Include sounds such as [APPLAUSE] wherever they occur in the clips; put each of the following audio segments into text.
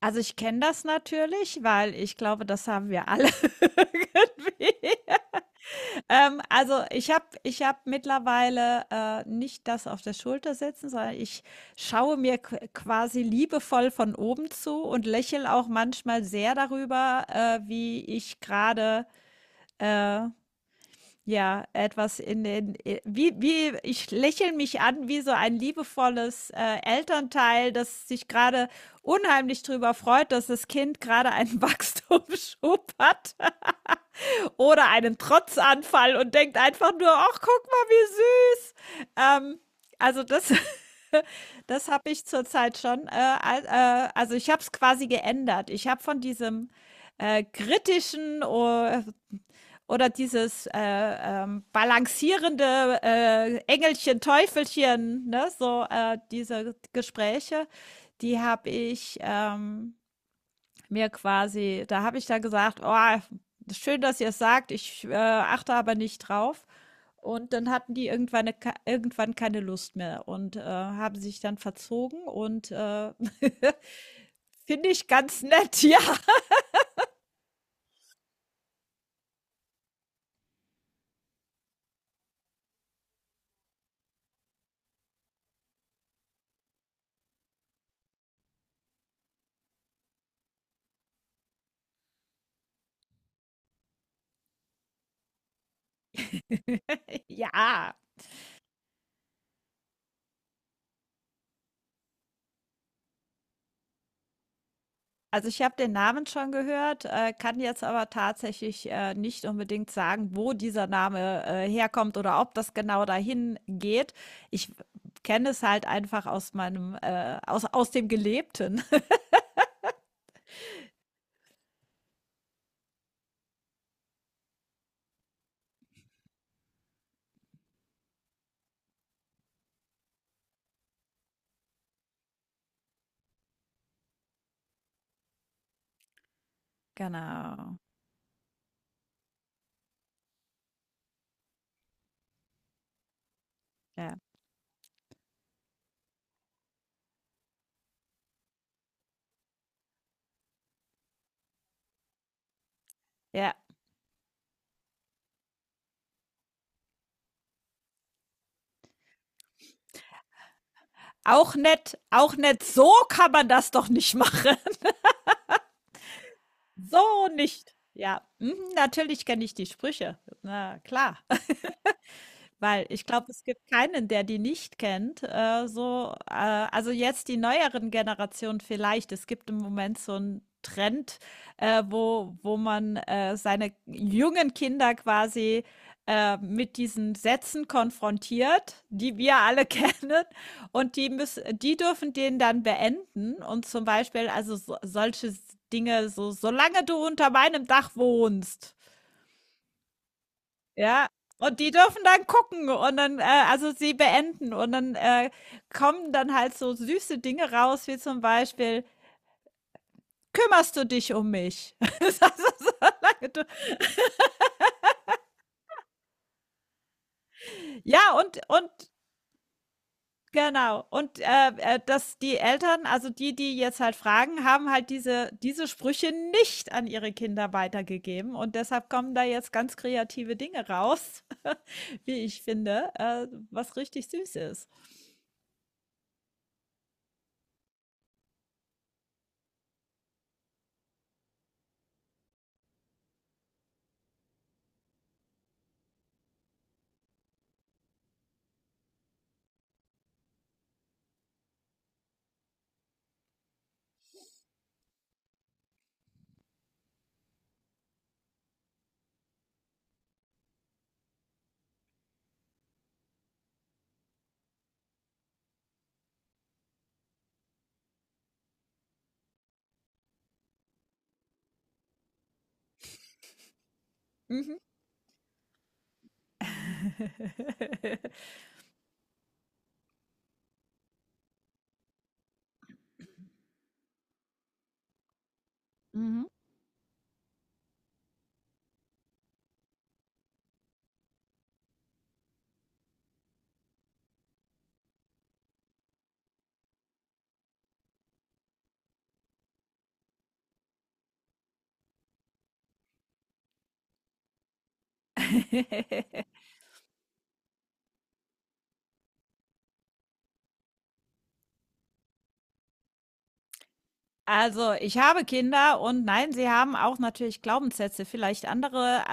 Also, ich kenne das natürlich, weil ich glaube, das haben wir alle [LAUGHS] irgendwie. Also, ich habe mittlerweile, nicht das auf der Schulter sitzen, sondern ich schaue mir qu quasi liebevoll von oben zu und lächle auch manchmal sehr darüber, wie ich gerade. Äh, Ja, etwas in den wie ich lächle mich an wie so ein liebevolles, Elternteil, das sich gerade unheimlich drüber freut, dass das Kind gerade einen [LAUGHS] Wachstumsschub hat oder einen Trotzanfall und denkt einfach nur: „Ach, guck mal, wie süß.“ Ähm, also, das [LAUGHS] das habe ich zurzeit schon, al also, ich habe es quasi geändert. Ich habe von diesem kritischen, oder dieses balancierende Engelchen, Teufelchen, ne? So diese Gespräche, die habe ich mir quasi, da habe ich da gesagt, oh, schön, dass ihr es sagt, ich achte aber nicht drauf. Und dann hatten die irgendwann keine Lust mehr und haben sich dann verzogen und [LAUGHS] finde ich ganz nett, [LAUGHS] ja. Ja, also, ich habe den Namen schon gehört, kann jetzt aber tatsächlich, nicht unbedingt sagen, wo dieser Name, herkommt oder ob das genau dahin geht. Ich kenne es halt einfach aus meinem, aus dem Gelebten. [LAUGHS] Genau. Ja. Ja. Auch nett, auch nett. So kann man das doch nicht machen. [LAUGHS] So nicht. Ja. Mhm. Natürlich kenne ich die Sprüche. Na klar. Weil ich glaube, es gibt keinen, der die nicht kennt. Also jetzt die neueren Generationen vielleicht. Es gibt im Moment so einen Trend, wo man seine jungen Kinder quasi mit diesen Sätzen konfrontiert, die wir alle [LAUGHS] kennen. Und die dürfen den dann beenden. Und zum Beispiel, also so, solche Dinge, so, solange du unter meinem Dach wohnst. Ja, und die dürfen dann gucken und dann also, sie beenden und dann, kommen dann halt so süße Dinge raus, wie zum Beispiel: „Kümmerst du dich um mich?“ [LAUGHS] Solange du ja, und genau. Und, dass die Eltern, also, die jetzt halt fragen, haben halt diese Sprüche nicht an ihre Kinder weitergegeben und deshalb kommen da jetzt ganz kreative Dinge raus, [LAUGHS] wie ich finde, was richtig süß ist. Mhm. [LAUGHS] Mhm. [LAUGHS] Also, ich habe Kinder und nein, sie haben auch natürlich Glaubenssätze, vielleicht andere,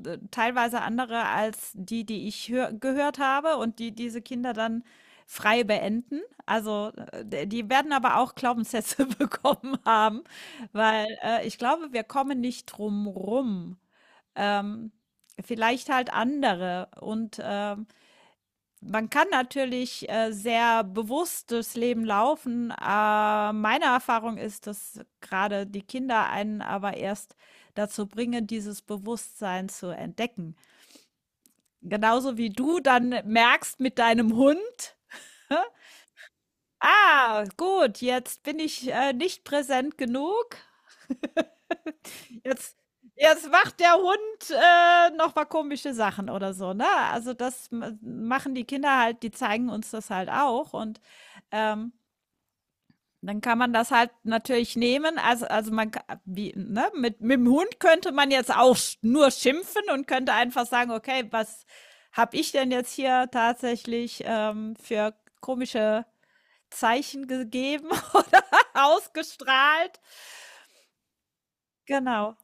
teilweise andere als die, die ich hör gehört habe und die diese Kinder dann frei beenden. Also, die werden aber auch Glaubenssätze [LAUGHS] bekommen haben, weil ich glaube, wir kommen nicht drum rum. Ähm, Vielleicht halt andere und man kann natürlich, sehr bewusst durchs Leben laufen. Meine Erfahrung ist, dass gerade die Kinder einen aber erst dazu bringen, dieses Bewusstsein zu entdecken. Genauso wie du dann merkst mit deinem Hund, [LAUGHS] „Ah, gut, jetzt bin ich, nicht präsent genug. Jetzt jetzt macht der Hund, noch mal komische Sachen“ oder so, ne? Also, das ma machen die Kinder halt, die zeigen uns das halt auch und, ähm Dann kann man das halt natürlich nehmen. Also man, ka- wie, ne, mit dem Hund könnte man jetzt auch nur schimpfen und könnte einfach sagen, okay, was habe ich denn jetzt hier tatsächlich für komische Zeichen gegeben [LAUGHS] oder ausgestrahlt? Genau.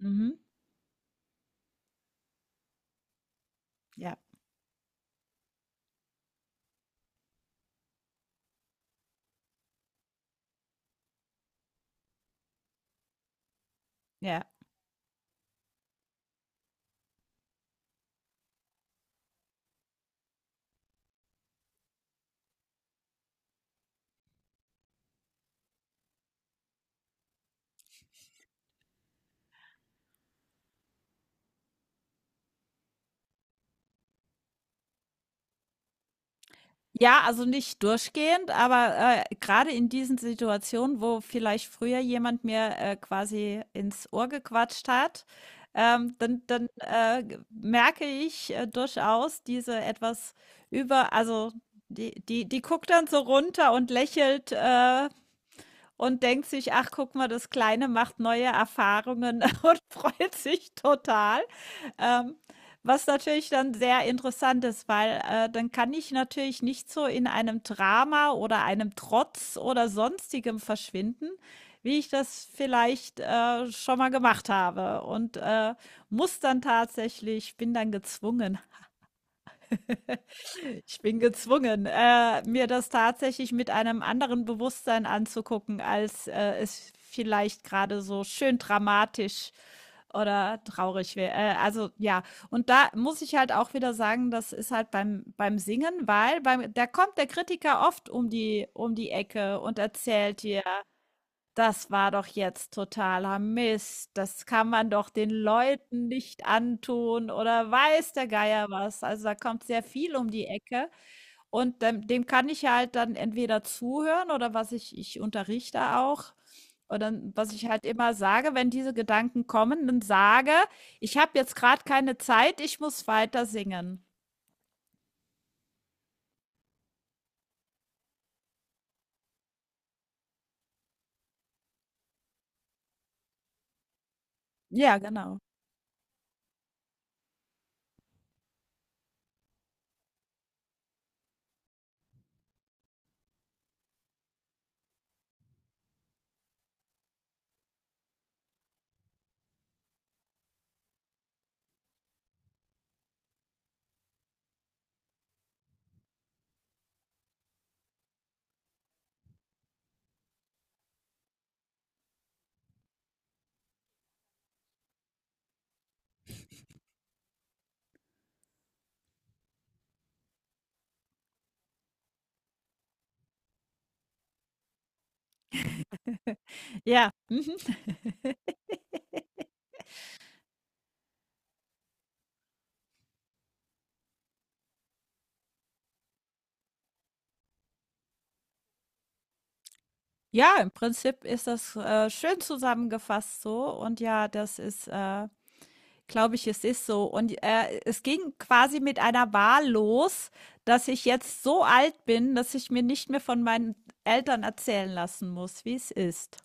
Mhm. Ja, ja. Ja, also nicht durchgehend, aber gerade in diesen Situationen, wo vielleicht früher jemand mir quasi ins Ohr gequatscht hat, dann merke ich durchaus diese also die, die guckt dann so runter und lächelt. Und denkt sich: „Ach, guck mal, das Kleine macht neue Erfahrungen“ [LAUGHS] und freut sich total. Ähm, Was natürlich dann sehr interessant ist, weil, dann kann ich natürlich nicht so in einem Drama oder einem Trotz oder Sonstigem verschwinden, wie ich das vielleicht, schon mal gemacht habe und, muss dann tatsächlich bin dann gezwungen [LAUGHS] Ich bin gezwungen, mir das tatsächlich mit einem anderen Bewusstsein anzugucken, als, es vielleicht gerade so schön dramatisch oder traurig wäre. Also, ja. Und da muss ich halt auch wieder sagen, das ist halt beim Singen, weil beim da kommt der Kritiker oft um die Ecke und erzählt dir, das war doch jetzt totaler Mist. Das kann man doch den Leuten nicht antun oder weiß der Geier was. Also, da kommt sehr viel um die Ecke und dem kann ich ja halt dann entweder zuhören oder was ich unterrichte auch und dann, was ich halt immer sage, wenn diese Gedanken kommen, dann sage: „Ich habe jetzt gerade keine Zeit, ich muss weiter singen.“ Ja, genau. Ja, mhm. [LAUGHS] Ja, im Prinzip ist das, schön zusammengefasst so und ja, das ist, glaube ich, es ist so. Und, es ging quasi mit einer Wahl los, dass ich jetzt so alt bin, dass ich mir nicht mehr von meinen Eltern erzählen lassen muss, wie es ist.